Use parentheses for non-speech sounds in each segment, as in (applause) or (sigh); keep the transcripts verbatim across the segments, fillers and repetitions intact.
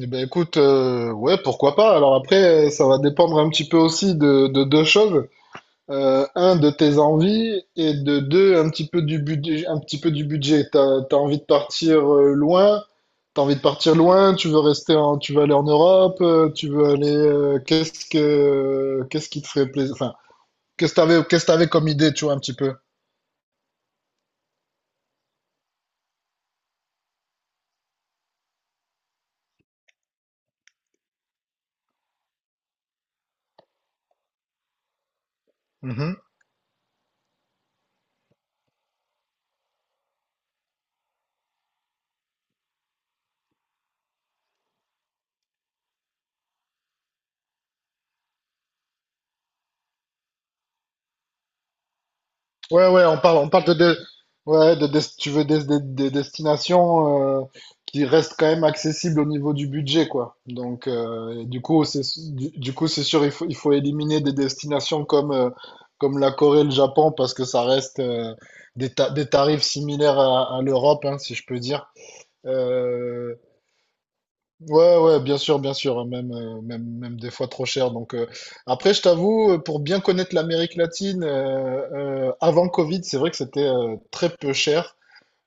Eh ben écoute, euh, ouais, pourquoi pas. Alors après, euh, ça va dépendre un petit peu aussi de, de deux choses. Euh, un, de tes envies, et de deux, un petit peu du budget, un petit peu du budget T'as, t'as envie de partir euh, loin, t'as envie de partir loin, tu veux rester en, tu veux aller en Europe, euh, tu veux aller, euh, qu'est-ce que, qu'est-ce qui te ferait plaisir, enfin, qu'est-ce que t'avais, qu'est-ce que t'avais comme idée, tu vois, un petit peu. Mm-hmm. Ouais, ouais, on parle, on parle de, de- ouais, de, des- tu veux des, des- des destinations euh, qui restent quand même accessibles au niveau du budget, quoi. Donc, euh, et du coup, c'est, du, du coup, c'est sûr, il faut, il faut éliminer des destinations comme, euh, comme la Corée, le Japon, parce que ça reste euh, des, ta- des tarifs similaires à, à l'Europe, hein, si je peux dire. Euh, Ouais, ouais, bien sûr, bien sûr, hein, même, euh, même, même des fois trop cher. Donc, euh, après, je t'avoue, euh, pour bien connaître l'Amérique latine, euh, euh, avant Covid, c'est vrai que c'était euh, très peu cher.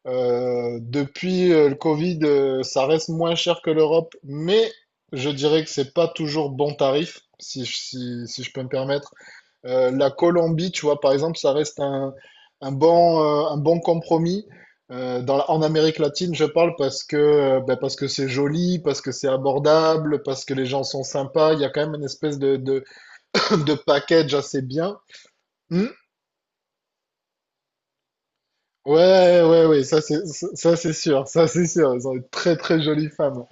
Euh, depuis euh, le Covid, euh, ça reste moins cher que l'Europe, mais je dirais que c'est pas toujours bon tarif, si, je- si, si je peux me permettre. Euh, la Colombie, tu vois, par exemple, ça reste un, un bon, euh, un bon compromis. Euh, dans, la- en Amérique latine, je parle parce que, euh, ben, parce que c'est joli, parce que c'est abordable, parce que les gens sont sympas. Il y a quand même une espèce de, de, (coughs) (laughs) de package assez bien. Hmm. Ouais, ouais, ouais, ça c'est, ça c'est sûr, ça c'est sûr. Elles ont une très très jolie femme.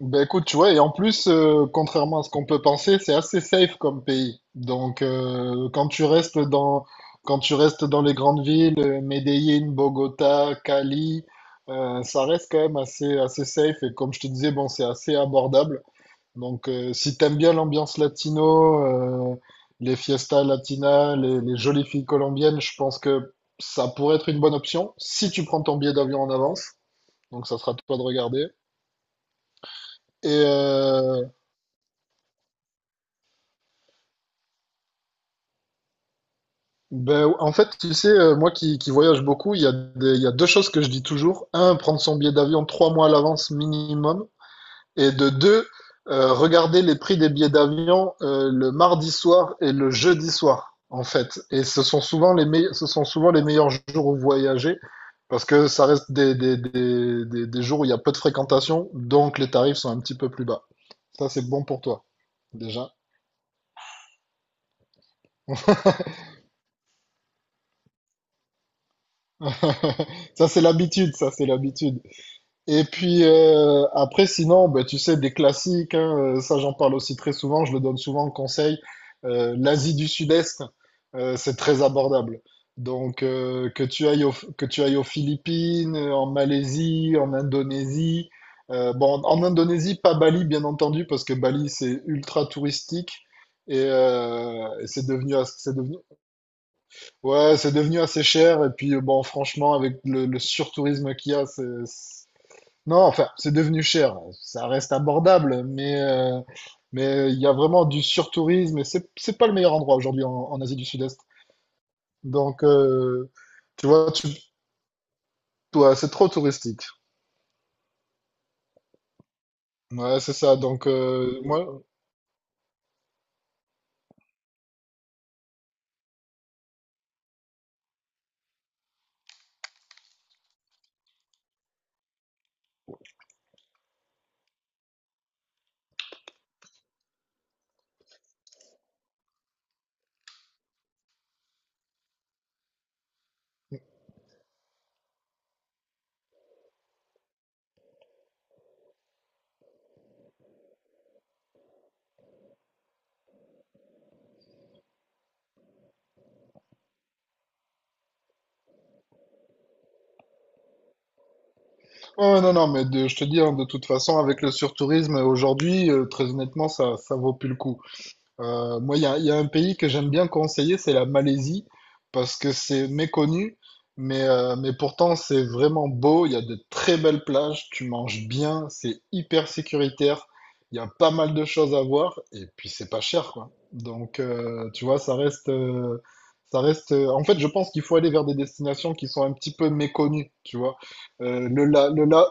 Ben écoute, tu vois, et en plus, euh, contrairement à ce qu'on peut penser, c'est assez safe comme pays. Donc, euh, quand tu restes dans, quand tu restes dans les grandes villes, euh, Medellín, Bogota, Cali, euh, ça reste quand même assez, assez safe. Et comme je te disais, bon, c'est assez abordable. Donc, euh, si t'aimes bien l'ambiance latino, euh, les fiestas latinas, les, les jolies filles colombiennes, je pense que ça pourrait être une bonne option si tu prends ton billet d'avion en avance. Donc, ça sera à toi de regarder. Et, euh, Ben, en fait, tu sais, euh, moi qui, qui voyage beaucoup, il y a des- il y a deux choses que je dis toujours. Un, prendre son billet d'avion trois mois à l'avance minimum. Et de deux, euh, regarder les prix des billets d'avion euh, le mardi soir et le jeudi soir, en fait. Et ce sont souvent les meilleurs, ce sont souvent les meilleurs jours où voyager parce que ça reste des, des, des, des, des jours où il y a peu de fréquentation, donc les tarifs sont un petit peu plus bas. Ça, c'est bon pour toi, déjà. (laughs) Ça, c'est l'habitude, ça, c'est l'habitude. Et puis euh, après, sinon, ben tu sais, des classiques, hein, euh, ça j'en parle aussi très souvent, je le donne souvent en conseil. Euh, l'Asie du Sud-Est, euh, c'est très abordable. Donc euh, que tu ailles au- que tu ailles aux Philippines, euh, en Malaisie, en Indonésie. euh, bon, en Indonésie, pas Bali, bien entendu, parce que Bali, c'est ultra touristique. Et, euh, et c'est devenu, as- c'est devenu, ouais, c'est devenu assez cher. Et puis, euh, bon, franchement, avec le, le surtourisme qu'il y a, c'est, non, enfin, c'est devenu cher. Ça reste abordable, mais euh, mais il y a vraiment du surtourisme et c'est c'est pas le meilleur endroit aujourd'hui en, en Asie du Sud-Est. Donc euh, tu vois, tu ouais, c'est trop touristique. Ouais, c'est ça. Donc euh, moi, ouais, non, non, mais de- je te dis, hein, de toute façon, avec le surtourisme aujourd'hui, euh, très honnêtement, ça ça vaut plus le coup. Euh, moi, il y a, il y a un pays que j'aime bien conseiller, c'est la Malaisie, parce que c'est méconnu, mais, euh, mais pourtant c'est vraiment beau, il y a de très belles plages, tu manges bien, c'est hyper sécuritaire, il y a pas mal de choses à voir, et puis c'est pas cher, quoi. Donc, euh, tu vois, ça reste, euh, ça reste. Euh, en fait, je pense qu'il faut aller vers des destinations qui sont un petit peu méconnues, tu vois. Euh, le, la- le, la-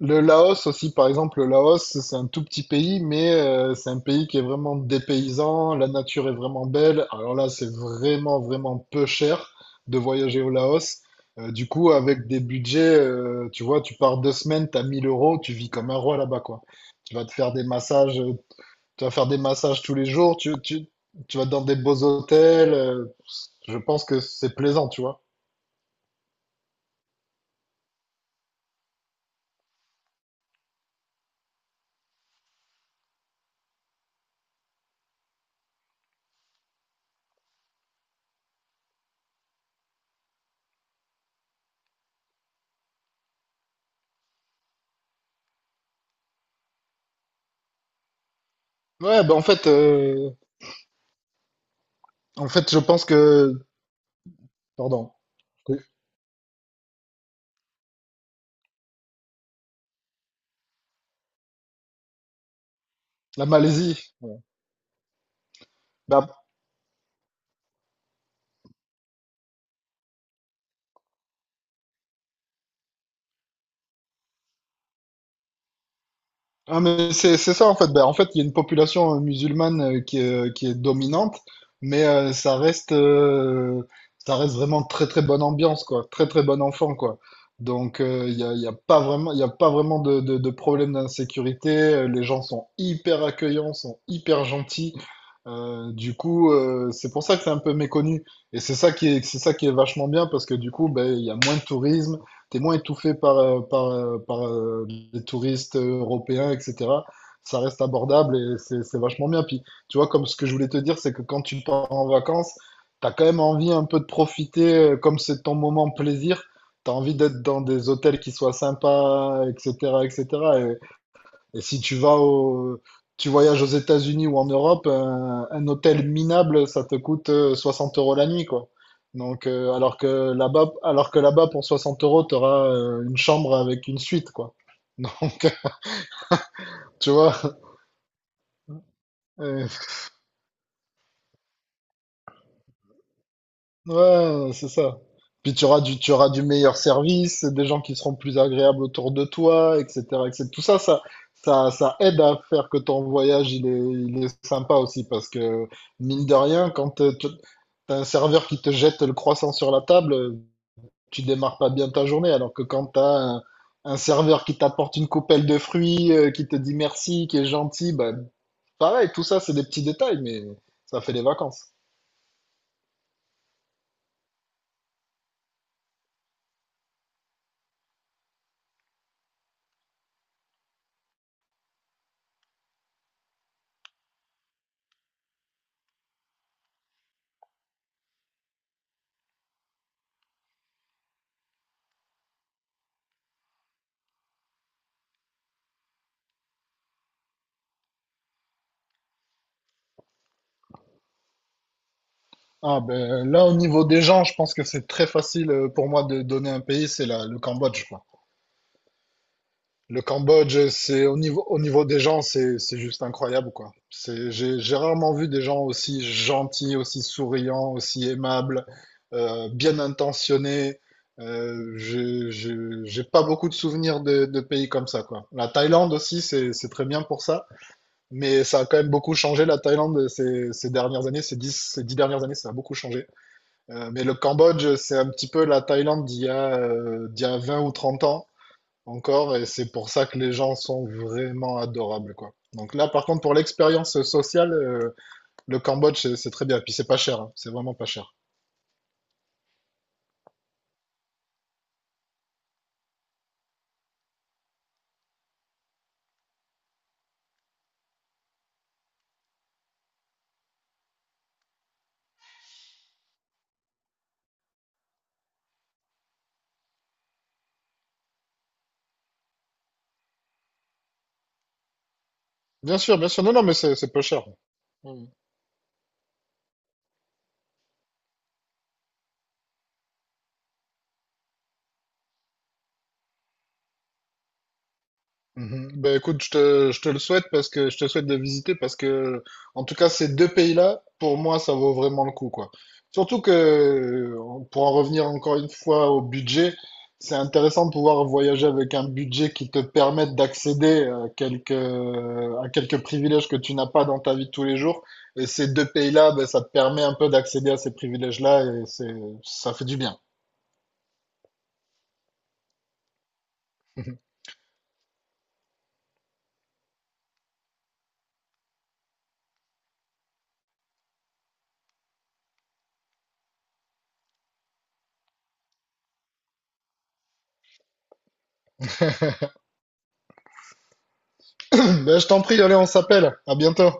le Laos aussi, par exemple, le Laos, c'est un tout petit pays, mais euh, c'est un pays qui est vraiment dépaysant, la nature est vraiment belle. Alors là, c'est vraiment, vraiment peu cher de voyager au Laos. Euh, du coup, avec des budgets, euh, tu vois, tu pars deux semaines, t'as mille euros, tu vis comme un roi là-bas, quoi. Tu vas te faire des massages, euh, tu vas faire des massages tous les jours, tu, tu, tu vas dans des beaux hôtels. euh, je pense que c'est plaisant, tu vois. Ouais, bah en fait, euh, en fait, je pense que, pardon, la Malaisie. Bah, ah, mais c'est c'est ça en fait. Bah, en fait, il y a une population euh, musulmane euh, qui est, euh, qui est dominante, mais euh, ça reste, euh, ça reste vraiment très très bonne ambiance quoi, très très bon enfant quoi. Donc euh, il y a, il y a pas vraiment, il y a pas vraiment de, de, de problème d'insécurité. Euh, Les gens sont hyper accueillants, sont hyper gentils. Euh, du coup, euh, c'est pour ça que c'est un peu méconnu. Et c'est ça qui est, c'est ça qui est vachement bien parce que du coup, ben, il y a moins de tourisme, t'es moins étouffé par, euh, par, euh, par euh, les touristes euh, européens, et cetera. Ça reste abordable et c'est c'est vachement bien. Puis, tu vois, comme ce que je voulais te dire, c'est que quand tu pars en vacances, t'as quand même envie un peu de profiter, euh, comme c'est ton moment plaisir, t'as envie d'être dans des hôtels qui soient sympas, et cetera, et cetera. Et si tu vas au, tu voyages aux États-Unis ou en Europe, un, un hôtel minable, ça te coûte euh, soixante euros la nuit, quoi. Donc, euh, alors que là-bas, alors que là-bas, pour soixante euros, tu auras une chambre avec une suite, quoi. (laughs) Donc, tu vois, euh, Ouais, c'est ça. Puis tu auras du, tu auras du meilleur service, des gens qui seront plus agréables autour de toi, et cetera, et cetera. Tout ça, ça, ça, ça aide à faire que ton voyage, il est, il est sympa aussi, parce que mine de rien, quand euh, tu as un serveur qui te jette le croissant sur la table, tu démarres pas bien ta journée, alors que quand tu as un, un serveur qui t'apporte une coupelle de fruits, euh, qui te dit merci, qui est gentil, bah, pareil, tout ça, c'est des petits détails, mais ça fait les vacances. Ah ben là au niveau des gens, je pense que c'est très facile euh, pour moi de donner un pays, c'est la- le Cambodge quoi. Le Cambodge, c'est au niveau au niveau des gens, c'est c'est juste incroyable quoi. C'est j'ai j'ai rarement vu des gens aussi gentils, aussi souriants, aussi aimables, euh, bien intentionnés. Euh, j'ai j'ai j'ai pas beaucoup de souvenirs de, de pays comme ça quoi. La Thaïlande aussi, c'est c'est très bien pour ça, mais ça a quand même beaucoup changé la Thaïlande ces ces dernières années, ces dix ces dix dernières années, ça a beaucoup changé. Euh, mais le Cambodge, c'est un petit peu la Thaïlande d'il y a, euh, d'il y a vingt ou trente ans encore, et c'est pour ça que les gens sont vraiment adorables, quoi. Donc là, par contre, pour l'expérience sociale, euh, le Cambodge, c'est c'est très bien. Et puis c'est pas cher, hein. C'est vraiment pas cher. Bien sûr, bien sûr. Non, non, mais c'est c'est peu cher. Mm. Mhm. Ben écoute, je te, je te le souhaite parce que je te souhaite de visiter parce que en tout cas ces deux pays-là, pour moi, ça vaut vraiment le coup quoi. Surtout que euh, pour en revenir encore une fois au budget, c'est intéressant de pouvoir voyager avec un budget qui te permette d'accéder à quelques à quelques privilèges que tu n'as pas dans ta vie de tous les jours. Et ces deux pays-là, ben, ça te permet un peu d'accéder à ces privilèges-là et c'est ça fait du bien. (laughs) Ben, je t'en prie, allez, on s'appelle. À bientôt.